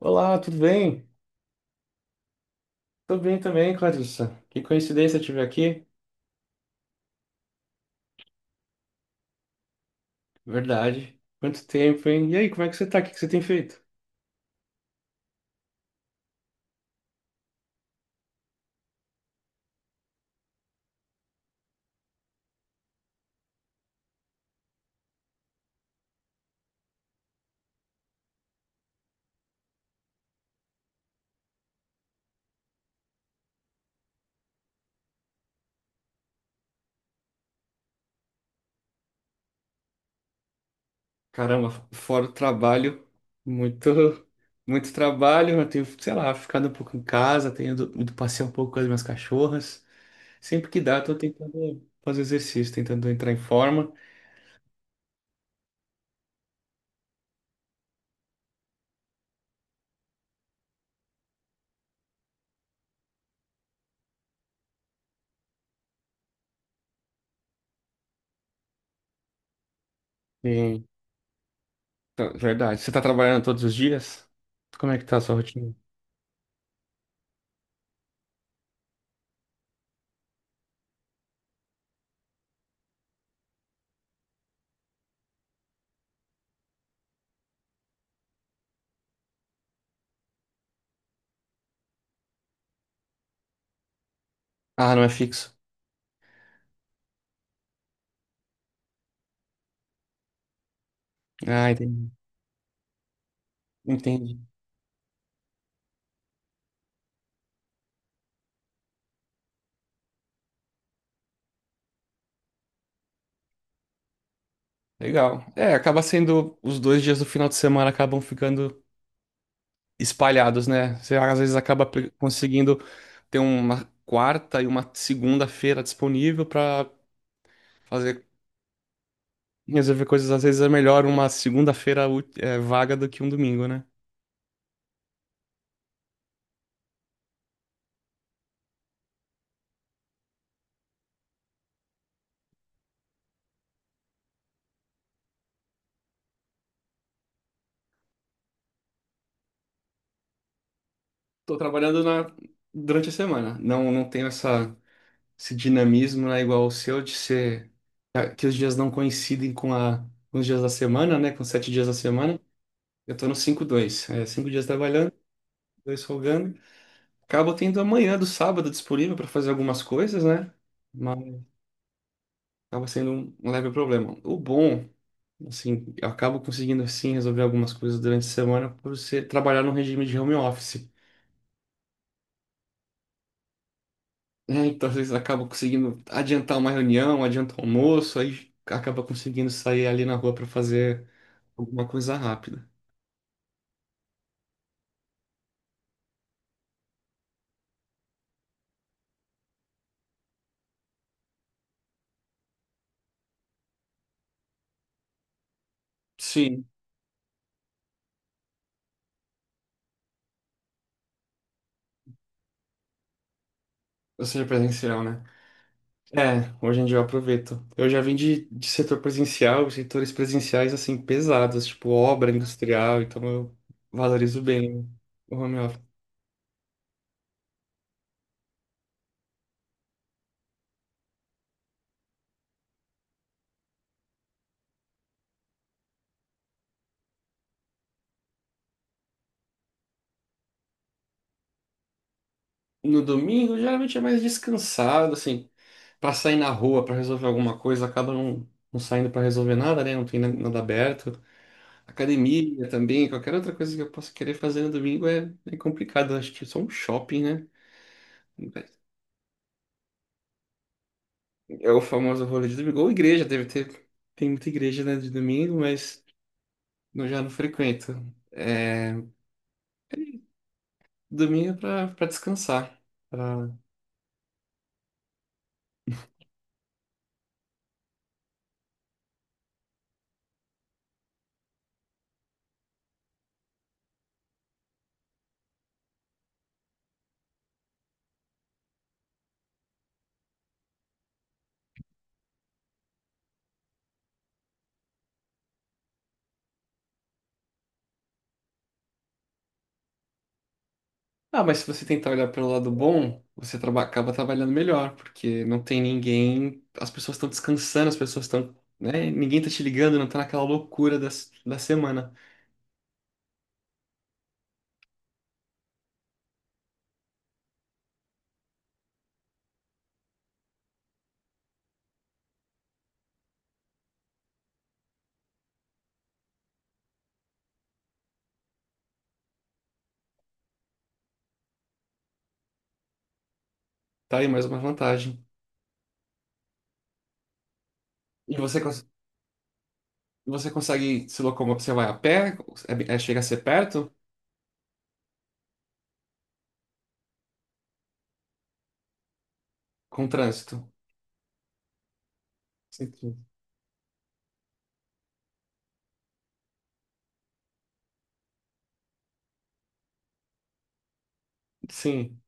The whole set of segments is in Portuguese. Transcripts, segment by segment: Olá, tudo bem? Tô bem também, Clarissa. Que coincidência te ver aqui. Verdade. Quanto tempo, hein? E aí, como é que você tá? O que que você tem feito? Caramba, fora o trabalho, muito, muito trabalho. Eu tenho, sei lá, ficado um pouco em casa, tenho ido, passear um pouco com as minhas cachorras. Sempre que dá, eu tô tentando fazer exercício, tentando entrar em forma. E, tá, verdade. Você tá trabalhando todos os dias? Como é que tá a sua rotina? Ah, não é fixo. Ah, entendi. Entendi. Legal. É, acaba sendo os dois dias do final de semana acabam ficando espalhados, né? Você às vezes acaba conseguindo ter uma quarta e uma segunda-feira disponível para fazer resolver coisas. Às vezes é melhor uma segunda-feira vaga do que um domingo, né? Tô trabalhando na durante a semana. Não, não tenho essa esse dinamismo, né, igual o seu de ser é, que os dias não coincidem com os dias da semana, né? Com os sete dias da semana. Eu tô no cinco dois é, cinco dias trabalhando, dois folgando. Acabo tendo a manhã do sábado disponível para fazer algumas coisas, né? Mas acaba sendo um leve problema. O bom, assim, eu acabo conseguindo sim resolver algumas coisas durante a semana por ser trabalhar num regime de home office, né? Então, às vezes, acabo conseguindo adiantar uma reunião, adiantar o almoço, aí acaba conseguindo sair ali na rua para fazer alguma coisa rápida. Sim, ou seja, presencial, né? É, hoje em dia eu aproveito. Eu já vim de setor presencial, setores presenciais assim pesados, tipo obra industrial, então eu valorizo bem o home office. No domingo, geralmente é mais descansado, assim, pra sair na rua, pra resolver alguma coisa, acaba não saindo pra resolver nada, né? Não tem nada aberto. Academia também, qualquer outra coisa que eu possa querer fazer no domingo é, é complicado. Acho que só um shopping, né? É o famoso rolê de domingo. Ou igreja, deve ter. Tem muita igreja, né, de domingo, mas. Não, já não frequento. É, domingo é pra descansar. pra- Ah, mas se você tentar olhar pelo lado bom, você acaba trabalhando melhor, porque não tem ninguém, as pessoas estão descansando, as pessoas estão, né? Ninguém tá te ligando, não tá naquela loucura da semana. Tá aí mais uma vantagem. E você, você consegue se locomover, você vai a pé, chega a ser perto, com trânsito. Sim, sim,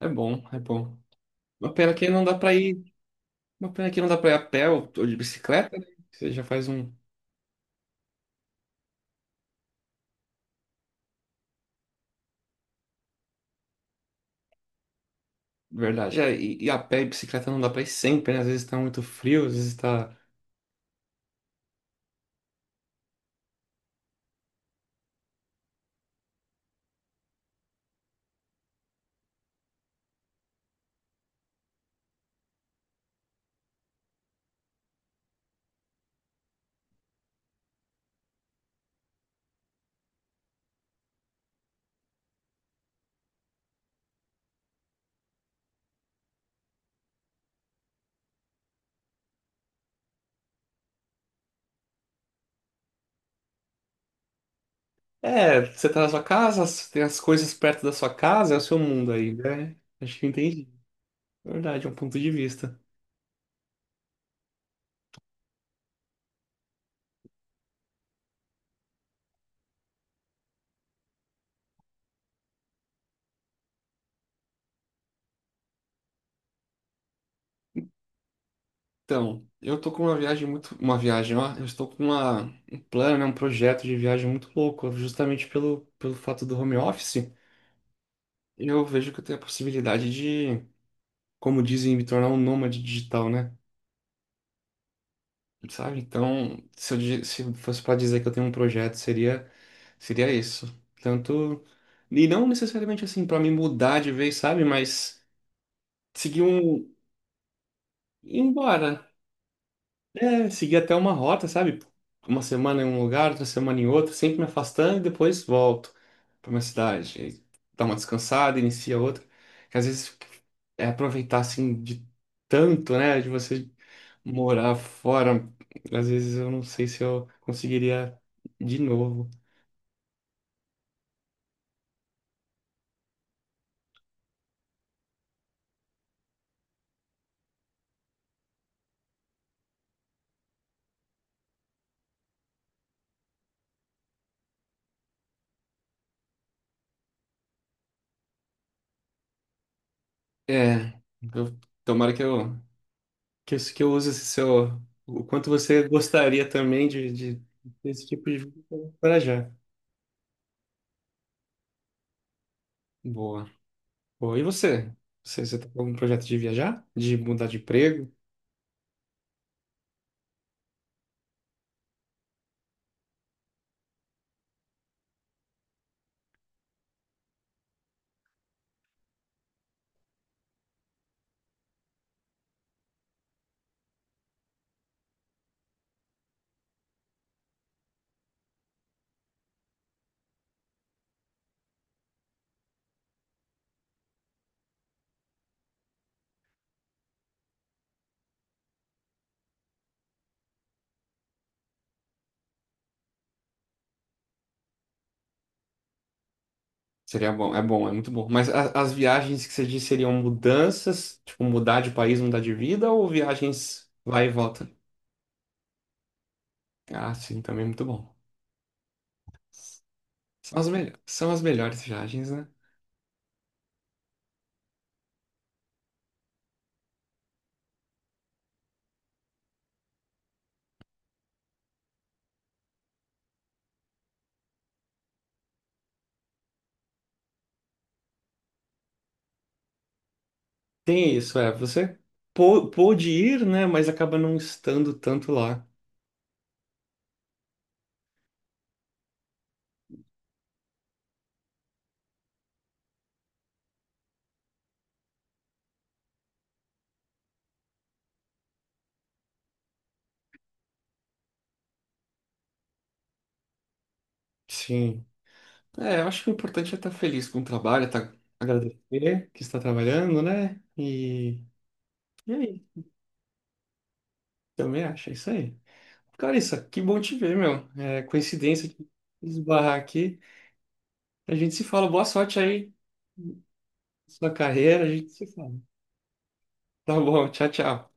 é bom, é bom. Uma pena que não dá pra ir. Uma pena que não dá pra ir a pé ou de bicicleta, né? Você já faz um. Verdade. É, e a pé e bicicleta não dá pra ir sempre, né? Às vezes tá muito frio, às vezes tá. É, você tá na sua casa, você tem as coisas perto da sua casa, é o seu mundo aí, né? Acho que eu entendi. Verdade, é um ponto de vista. Então, eu tô com uma viagem muito. Uma viagem, ó. Eu estou com uma, um plano, né? Um projeto de viagem muito louco, justamente pelo fato do home office. Eu vejo que eu tenho a possibilidade de, como dizem, me tornar um nômade digital, né? Sabe? Então, se se fosse para dizer que eu tenho um projeto, seria isso. Tanto e não necessariamente assim para me mudar de vez, sabe? Mas seguir um ir embora, é, seguir até uma rota, sabe? Uma semana em um lugar, outra semana em outro, sempre me afastando e depois volto para minha cidade. E dá uma descansada, inicia outra. Que às vezes é aproveitar assim de tanto, né? De você morar fora. Às vezes eu não sei se eu conseguiria de novo. É, eu, tomara que que eu use esse seu. O quanto você gostaria também desse tipo de vida para já. Boa. Pô, e você? Você tá com algum projeto de viajar? De mudar de emprego? Seria bom, é muito bom. Mas as viagens que você diz seriam mudanças, tipo mudar de país, mudar de vida, ou viagens vai e volta? Ah, sim, também é muito bom. São as, são as melhores viagens, né? Tem isso, é. Você pôde ir, né? Mas acaba não estando tanto lá. Sim. É, eu acho que o importante é estar feliz com o trabalho, tá, agradecer que está trabalhando, né? E. e é Também acho, é isso aí. Cara, que bom te ver, meu. É coincidência de esbarrar aqui. A gente se fala. Boa sorte aí, na sua carreira, a gente se fala. Tá bom, tchau, tchau.